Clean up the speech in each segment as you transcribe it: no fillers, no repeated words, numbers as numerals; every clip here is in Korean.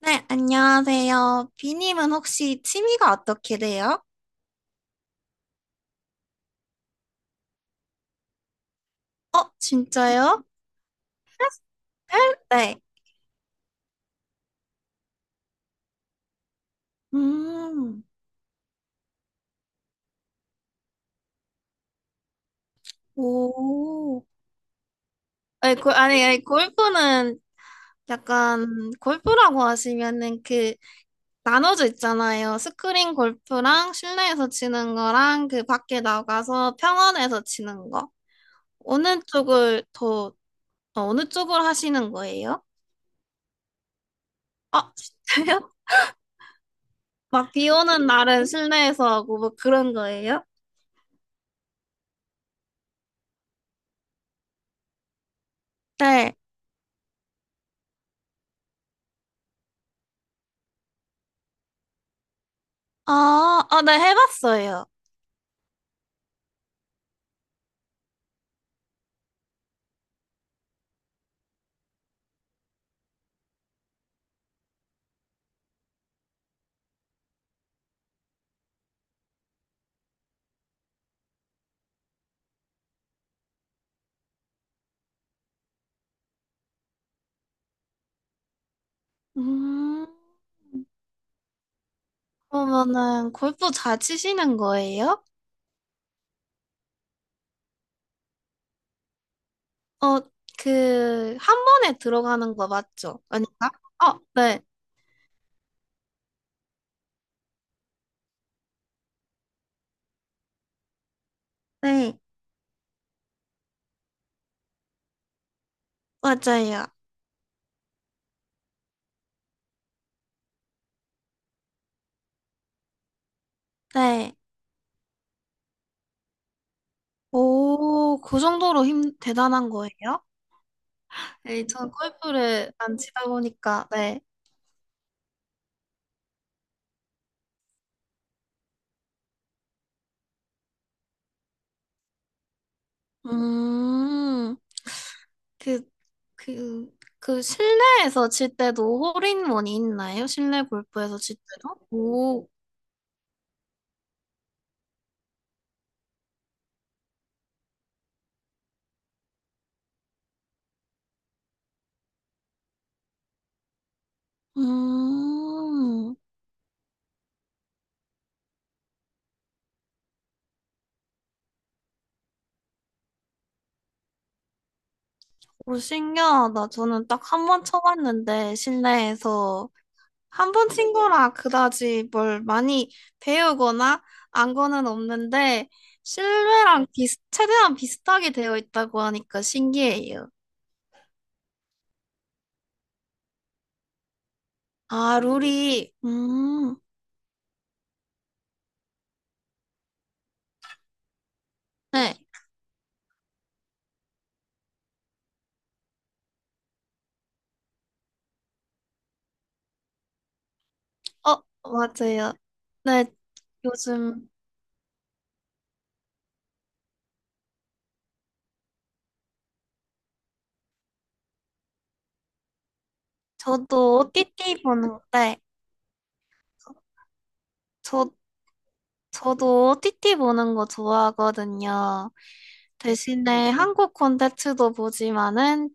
네, 안녕하세요. 비님은 혹시 취미가 어떻게 돼요? 어, 진짜요? 헬? 네. 음, 오. 아니, 고, 아니, 아니, 골프는 약간, 골프라고 하시면은 나눠져 있잖아요. 스크린 골프랑 실내에서 치는 거랑 그 밖에 나가서 평원에서 치는 거. 어느 쪽을 더, 어느 쪽을 하시는 거예요? 어, 진짜요? 막 비 오는 날은 실내에서 하고 뭐 그런 거예요? 네. 네, 해봤어요. 음, 그러면은 골프 잘 치시는 거예요? 어, 한 번에 들어가는 거 맞죠? 아닌가? 어, 네, 네, 맞아요. 네. 오, 그 정도로 힘, 대단한 거예요? 네, 전 골프를 안 치다 보니까, 네. 음, 그, 그 실내에서 칠 때도 홀인원이 있나요? 실내 골프에서 칠 때도? 오, 음. 오, 신기하다. 저는 딱 한 번 쳐봤는데, 실내에서. 한 번 친 거라 그다지 뭘 많이 배우거나 안 거는 없는데, 실내랑 최대한 비슷하게 되어 있다고 하니까 신기해요. 아, 룰이, 네. 어, 맞아요. 네, 요즘 저도 OTT 보는데, 저, 저도 OTT 보는 거 좋아하거든요. 대신에 한국 콘텐츠도 보지만은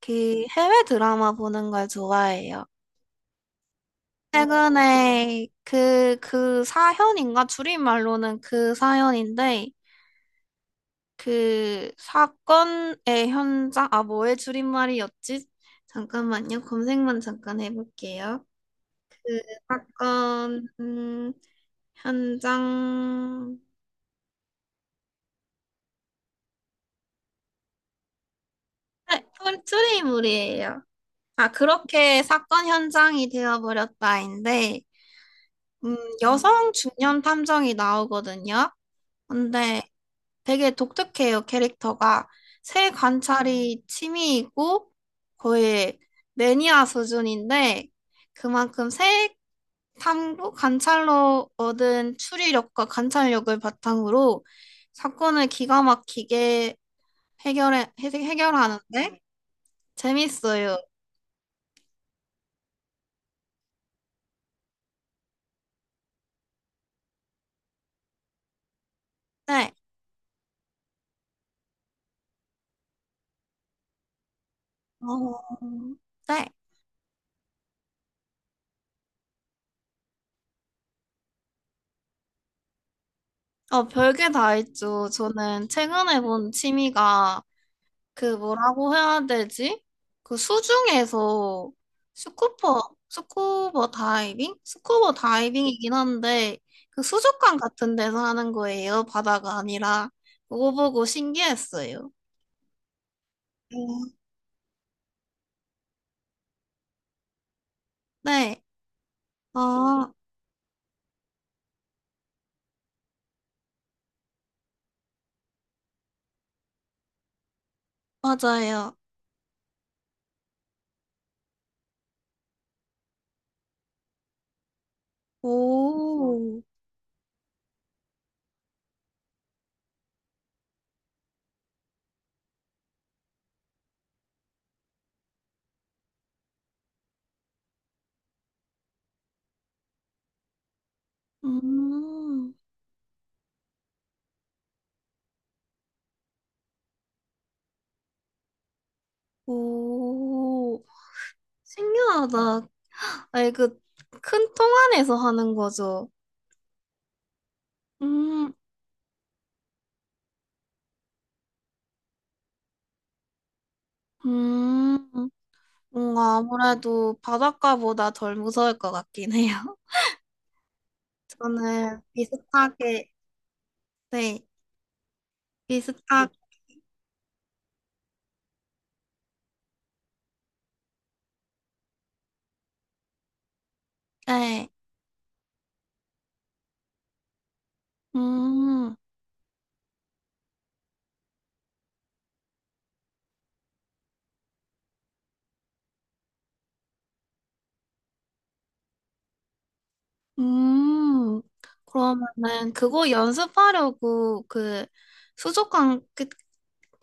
특히 해외 드라마 보는 걸 좋아해요. 최근에 그 사현인가? 줄임말로는 그 사연인데, 그 사건의 현장, 아, 뭐의 줄임말이었지? 잠깐만요. 검색만 잠깐 해볼게요. 사건, 현장, 네, 줄임말이에요. 아, 그렇게 사건 현장이 되어버렸다인데, 음, 여성 중년 탐정이 나오거든요. 근데 되게 독특해요, 캐릭터가. 새 관찰이 취미이고 거의 매니아 수준인데 그만큼 새 탐구 관찰로 얻은 추리력과 관찰력을 바탕으로 사건을 기가 막히게 해결하는데 재밌어요. 네. 어, 네. 어, 별게 다 있죠. 저는 최근에 본 취미가 그 뭐라고 해야 되지? 그 수중에서 스쿠버 다이빙? 스쿠버 다이빙이긴 한데, 그 수족관 같은 데서 하는 거예요. 바다가 아니라. 그거 보고 신기했어요. 음. 네. 아, 맞아요. 오, 음, 오, 신기하다. 아니, 그, 큰 통 안에서 하는 거죠. 음, 음. 뭔가 아무래도 바닷가보다 덜 무서울 것 같긴 해요. 저는 비슷하게, 네, 비슷하게, 음, 음, 그러면은 그거 연습하려고 그 수족관 그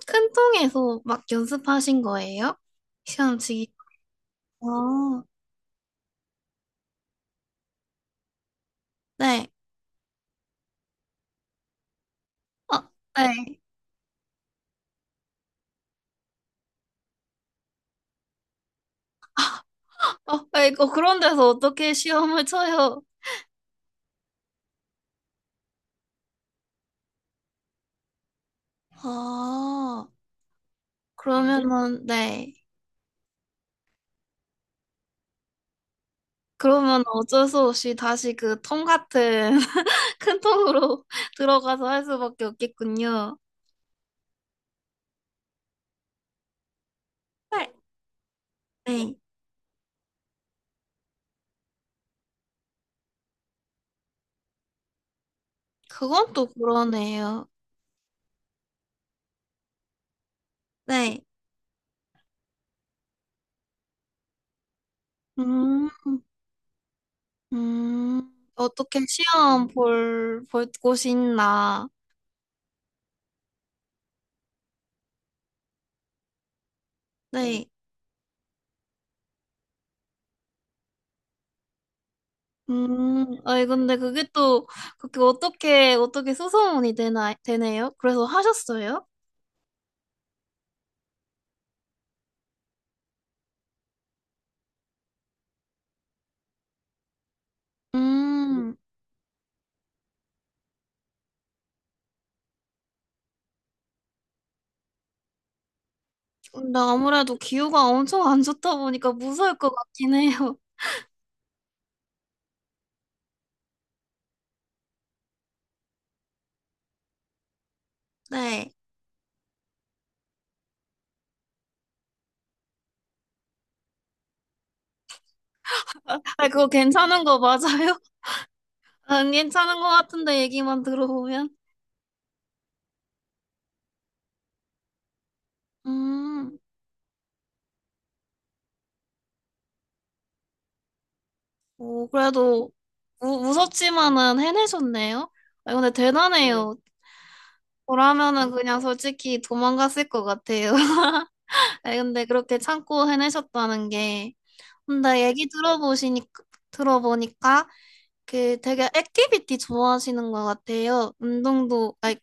큰 통에서 막 연습하신 거예요? 시험 치기. 어, 네. 어, 네. 어, 네. 어, 그런 데서 어떻게 시험을 쳐요? 아, 그러면은, 네. 그러면 어쩔 수 없이 다시 그 통 같은 큰 통으로 들어가서 할 수밖에 없겠군요. 네, 네. 그건 또 그러네요. 네. 음, 음, 어떻게 볼 곳이 있나. 네. 아니, 근데 그게 또, 어떻게 수소문이 되나, 되네요? 그래서 하셨어요? 음, 근데 아무래도 기후가 엄청 안 좋다 보니까 무서울 것 같긴 해요. 네. 아, 그거 괜찮은 거 맞아요? 안 괜찮은 거 같은데 얘기만 들어보면. 음, 뭐 그래도 무섭지만은 해내셨네요. 아, 근데 네. 대단해요. 저라면은 그냥 솔직히 도망갔을 것 같아요. 아, 근데 그렇게 참고 해내셨다는 게. 근데 얘기 들어보시니까, 들어보니까 그 되게 액티비티 좋아하시는 것 같아요. 운동도, 아니,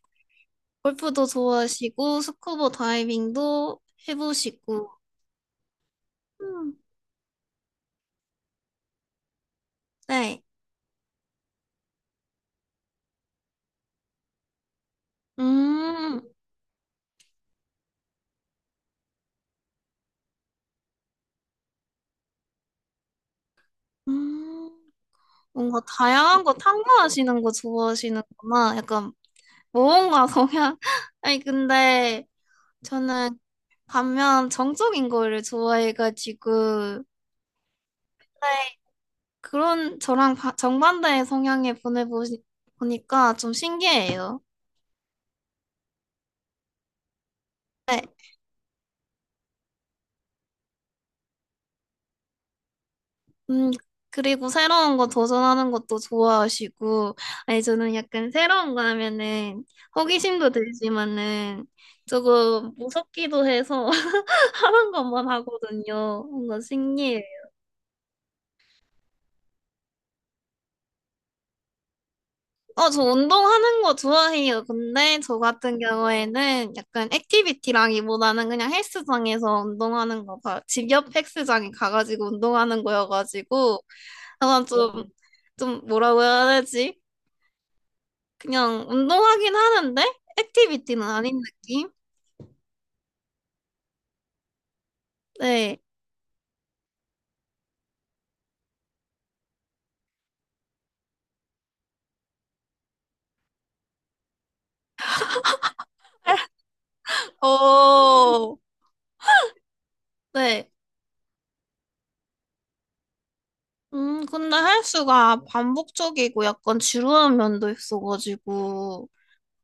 골프도 좋아하시고, 스쿠버 다이빙도 해보시고. 음, 네. 음, 음, 뭔가 다양한 거 탐구하시는 거 좋아하시는구나. 약간 모험가 성향. 아니, 근데 저는 반면 정적인 거를 좋아해가지고, 네, 그런 저랑 정반대의 성향에 보내보시, 보니까 좀 신기해요. 네, 음, 그리고 새로운 거 도전하는 것도 좋아하시고, 아니, 저는 약간 새로운 거 하면은 호기심도 들지만은 조금 무섭기도 해서 하는 것만 하거든요. 뭔가 신기해요. 어, 저 운동하는 거 좋아해요. 근데 저 같은 경우에는 약간 액티비티라기보다는 그냥 헬스장에서 운동하는 거, 봐. 집 옆 헬스장에 가가지고 운동하는 거여가지고, 약간 좀, 좀 뭐라고 해야 되지? 그냥 운동하긴 하는데, 액티비티는 아닌 느낌? 네. 어, 네. 근데 헬스가 반복적이고 약간 지루한 면도 있어가지고,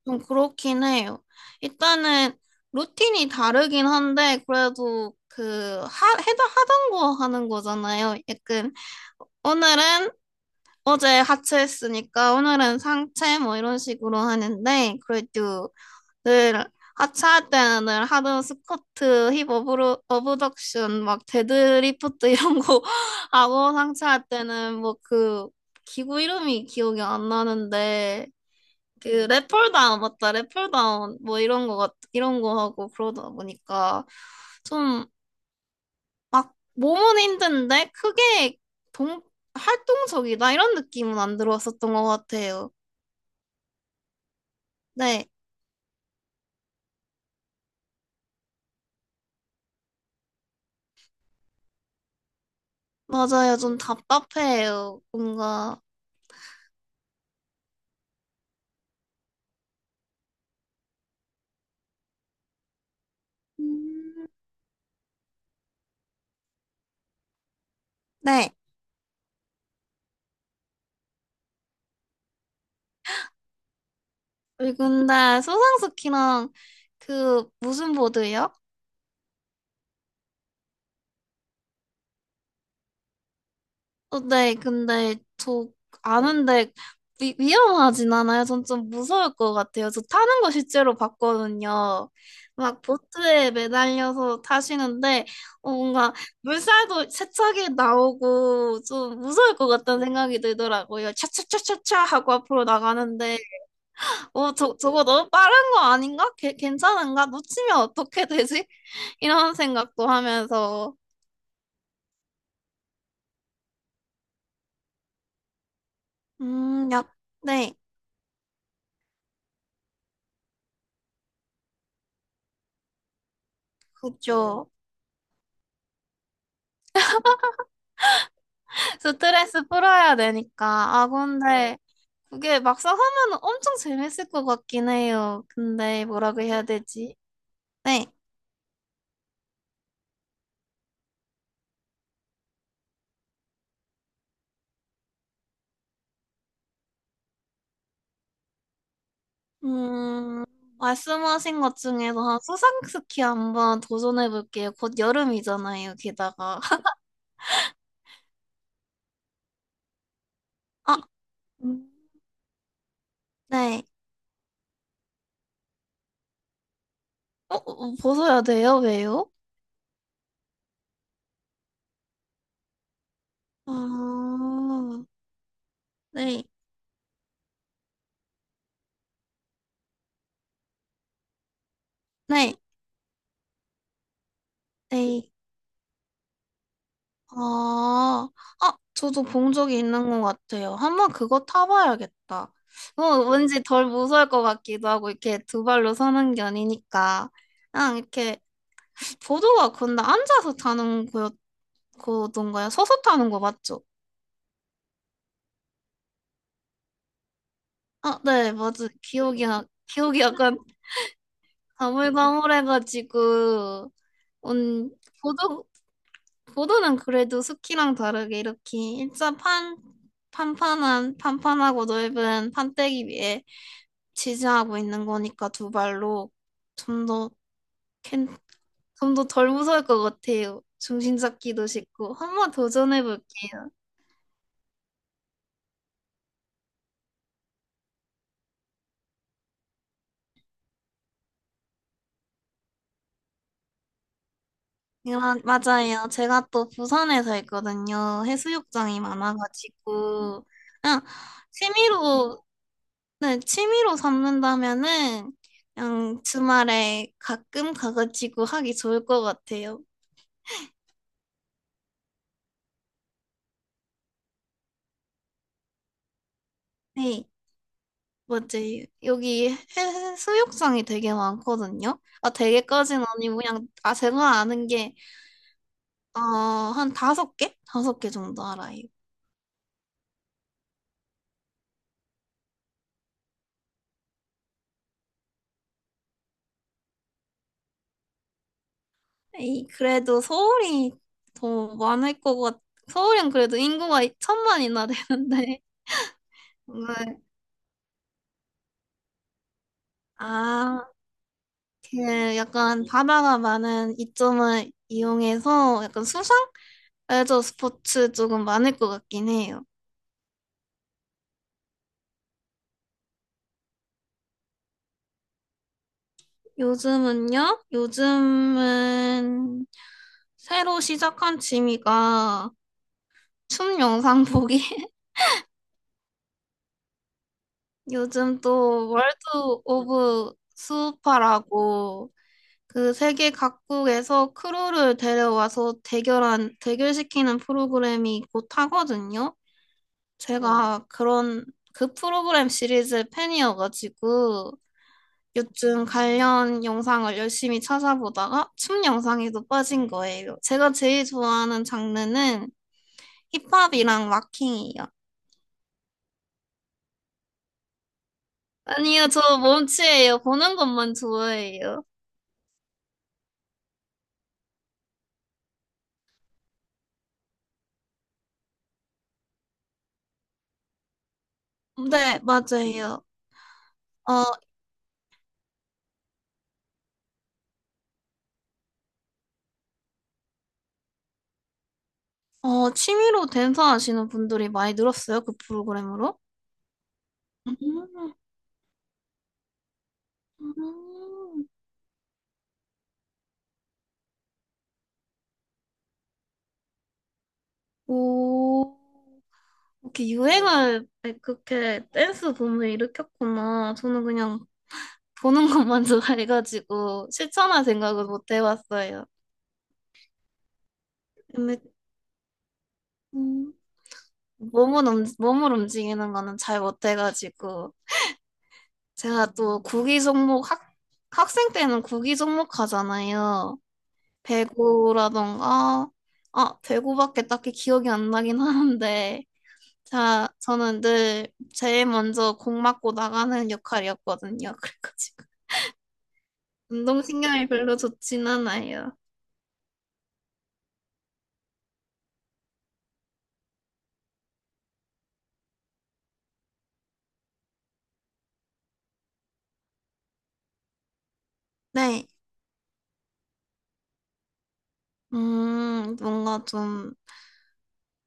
좀 그렇긴 해요. 일단은 루틴이 다르긴 한데 그래도 그 해다 하던 거 하는 거잖아요. 약간 오늘은 어제 하체 했으니까 오늘은 상체 뭐 이런 식으로 하는데 그래도 늘 하체할 때는 늘 하던 스쿼트, 힙 어브로, 어브덕션, 막 데드리프트 이런 거 하고 상체할 때는 뭐 그 기구 이름이 기억이 안 나는데 그랩플다운 맞다 랩플다운 뭐 이런 거 같, 이런 거 하고 그러다 보니까 좀 막 몸은 힘든데 크게 동 활동적이다 이런 느낌은 안 들어왔었던 것 같아요. 네, 맞아요. 좀 답답해요 뭔가. 네. 그 근데 소상스키랑 그 무슨 보드요? 어, 네, 근데 저 아는데 위험하진 않아요. 전 좀 무서울 것 같아요. 저 타는 거 실제로 봤거든요. 막 보트에 매달려서 타시는데 어, 뭔가 물살도 세차게 나오고 좀 무서울 것 같다는 생각이 들더라고요. 차차차차차 하고 앞으로 나가는데 어, 저, 저거 너무 빠른 거 아닌가? 괜찮은가? 놓치면 어떻게 되지? 이런 생각도 하면서 음, 약, 네, 그죠. 스트레스 풀어야 되니까. 아, 근데 네. 그게 막상 하면 엄청 재밌을 것 같긴 해요. 근데 뭐라고 해야 되지? 네. 음, 말씀하신 것 중에서 한 수상스키 한번 도전해 볼게요. 곧 여름이잖아요, 게다가. 아, 음. 네. 어, 어, 벗어야 돼요? 왜요? 아, 네. 네. 네. 아, 아, 저도 본 적이 있는 것 같아요. 한번 그거 타봐야겠다. 어, 왠지 덜 무서울 것 같기도 하고, 이렇게 두 발로 서는 게 아니니까. 그냥 이렇게, 보도가 근데 앉아서 타는 거였던가요? 서서 타는 거 맞죠? 아, 네, 맞아요. 기억이 약간 가물가물해가지고, 온 보도, 보도는 그래도 스키랑 다르게 이렇게 판판한, 판판하고 넓은 판때기 위에 지지하고 있는 거니까 두 발로 좀 더 캔, 좀 더 덜 무서울 것 같아요. 중심 잡기도 쉽고 한번 도전해 볼게요. 맞아요. 제가 또 부산에 살거든요. 해수욕장이 많아가지고 그냥 취미로 네, 취미로 삼는다면은 그냥 주말에 가끔 가가지고 하기 좋을 것 같아요. 네. 뭐지? 여기 수욕장이 되게 많거든요. 아, 되게까지는 아니고 그냥 아 제가 아는 게 어, 한 다섯 개? 다섯 개 정도 알아요. 에이, 그래도 서울이 더 많을 것 같. 서울은 그래도 인구가 천만이나 되는데. 네. 아, 그 약간 바다가 많은 이점을 이용해서 약간 수상? 레저 스포츠 조금 많을 것 같긴 해요. 요즘은요? 요즘은 새로 시작한 취미가 춤 영상 보기. 요즘 또 월드 오브 수우파라고 그 세계 각국에서 크루를 데려와서 대결시키는 프로그램이 곧 하거든요. 네. 제가 그런 그 프로그램 시리즈 팬이어가지고 요즘 관련 영상을 열심히 찾아보다가 춤 영상에도 빠진 거예요. 제가 제일 좋아하는 장르는 힙합이랑 락킹이에요. 아니요, 저 몸치예요. 보는 것만 좋아해요. 네, 맞아요. 어, 어, 취미로 댄서 하시는 분들이 많이 늘었어요, 그 프로그램으로. 음, 음. 오, 이렇게 유행을 그렇게 댄스 붐을 일으켰구나. 저는 그냥 보는 것만 좋아해가지고 실천할 생각은 못 해봤어요. 근데 음, 몸을 움직이는 거는 잘 못해가지고. 제가 또 학생 때는 구기 종목 하잖아요. 배구라던가, 아, 배구밖에 딱히 기억이 안 나긴 하는데, 저는 늘 제일 먼저 공 맞고 나가는 역할이었거든요. 그래가지고. 운동신경이 별로 좋진 않아요. 네. 뭔가 좀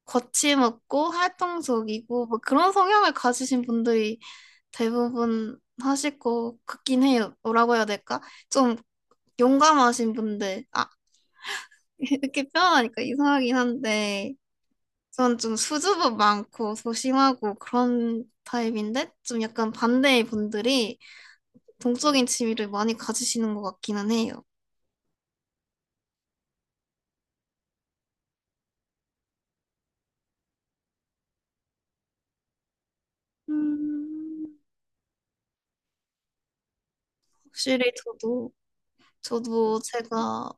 거침없고 활동적이고, 뭐 그런 성향을 가지신 분들이 대부분 하실 것 같긴 해요. 뭐라고 해야 될까? 좀 용감하신 분들, 아, 이렇게 표현하니까 이상하긴 한데, 전 좀 수줍음 많고 소심하고 그런 타입인데, 좀 약간 반대의 분들이 동적인 취미를 많이 가지시는 것 같기는 해요. 음, 확실히 저도, 저도 제가,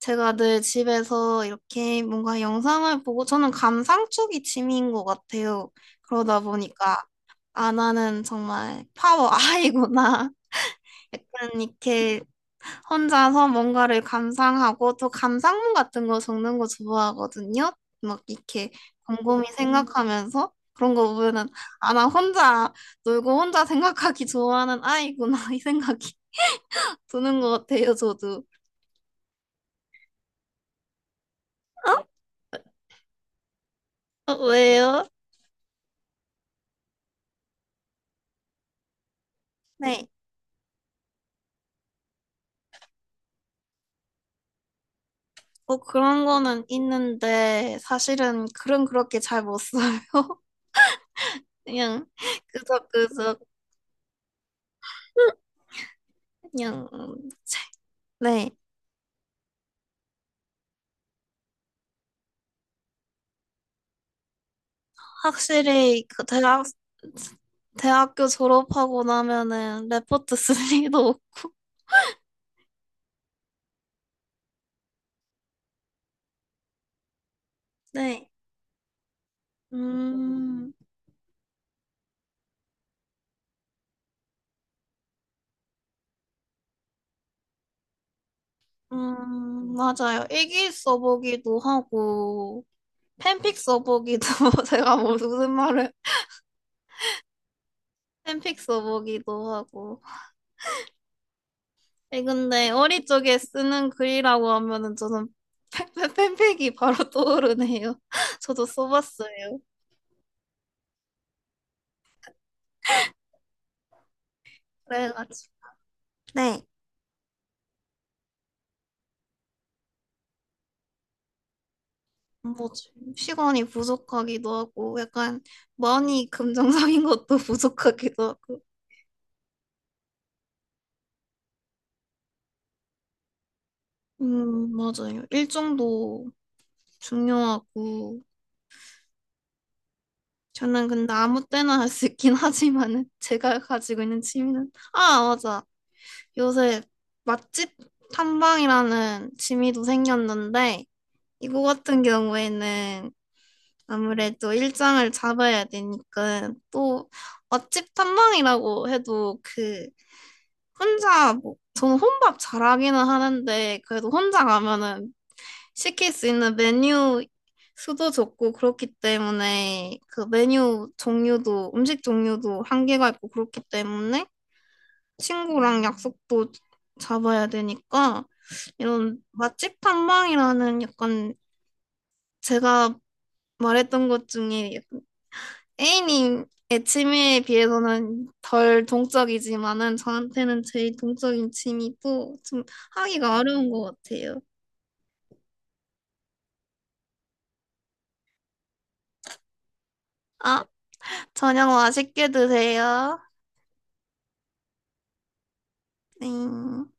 제가 늘 집에서 이렇게 뭔가 영상을 보고, 저는 감상 쪽이 취미인 것 같아요. 그러다 보니까, 아, 나는 정말 파워 아이구나. 약간 이렇게 혼자서 뭔가를 감상하고 또 감상문 같은 거 적는 거 좋아하거든요. 막 이렇게 곰곰이 생각하면서 그런 거 보면은 아, 나 혼자 놀고 혼자 생각하기 좋아하는 아이구나 이 생각이 드는 것 같아요, 저도. 어, 왜요? 네. 뭐 그런 거는 있는데 사실은 글은 그렇게 잘 못 써요. 그냥 그저 그냥 책. 네. 확실히 그 대학교 졸업하고 나면은 레포트 쓸 일도 없고. 네. 음, 맞아요. 일기 써보기도 하고, 팬픽 써보기도, 제가 뭐 무슨 말을, 팬픽 써보기도 하고. 예, 근데 어릴 적에 쓰는 글이라고 하면은 저는 팬픽이 바로 떠오르네요. 저도 써봤어요. 그래가지고. 네. 뭐지? 시간이 부족하기도 하고, 약간 많이 긍정적인 것도 부족하기도 하고. 맞아요. 일정도 중요하고, 저는 근데 아무 때나 할 수 있긴 하지만은, 제가 가지고 있는 취미는, 아, 맞아. 요새 맛집 탐방이라는 취미도 생겼는데, 이거 같은 경우에는 아무래도 일정을 잡아야 되니까, 또 맛집 탐방이라고 해도 그, 혼자 뭐, 저는 혼밥 잘하기는 하는데 그래도 혼자 가면은 시킬 수 있는 메뉴 수도 적고 그렇기 때문에 그 메뉴 종류도 음식 종류도 한계가 있고 그렇기 때문에 친구랑 약속도 잡아야 되니까 이런 맛집 탐방이라는 약간 제가 말했던 것 중에 A님 의 취미에 비해서는 덜 동적이지만은 저한테는 제일 동적인 취미고 좀 하기가 어려운 것 같아요. 아, 저녁 맛있게 드세요. 네.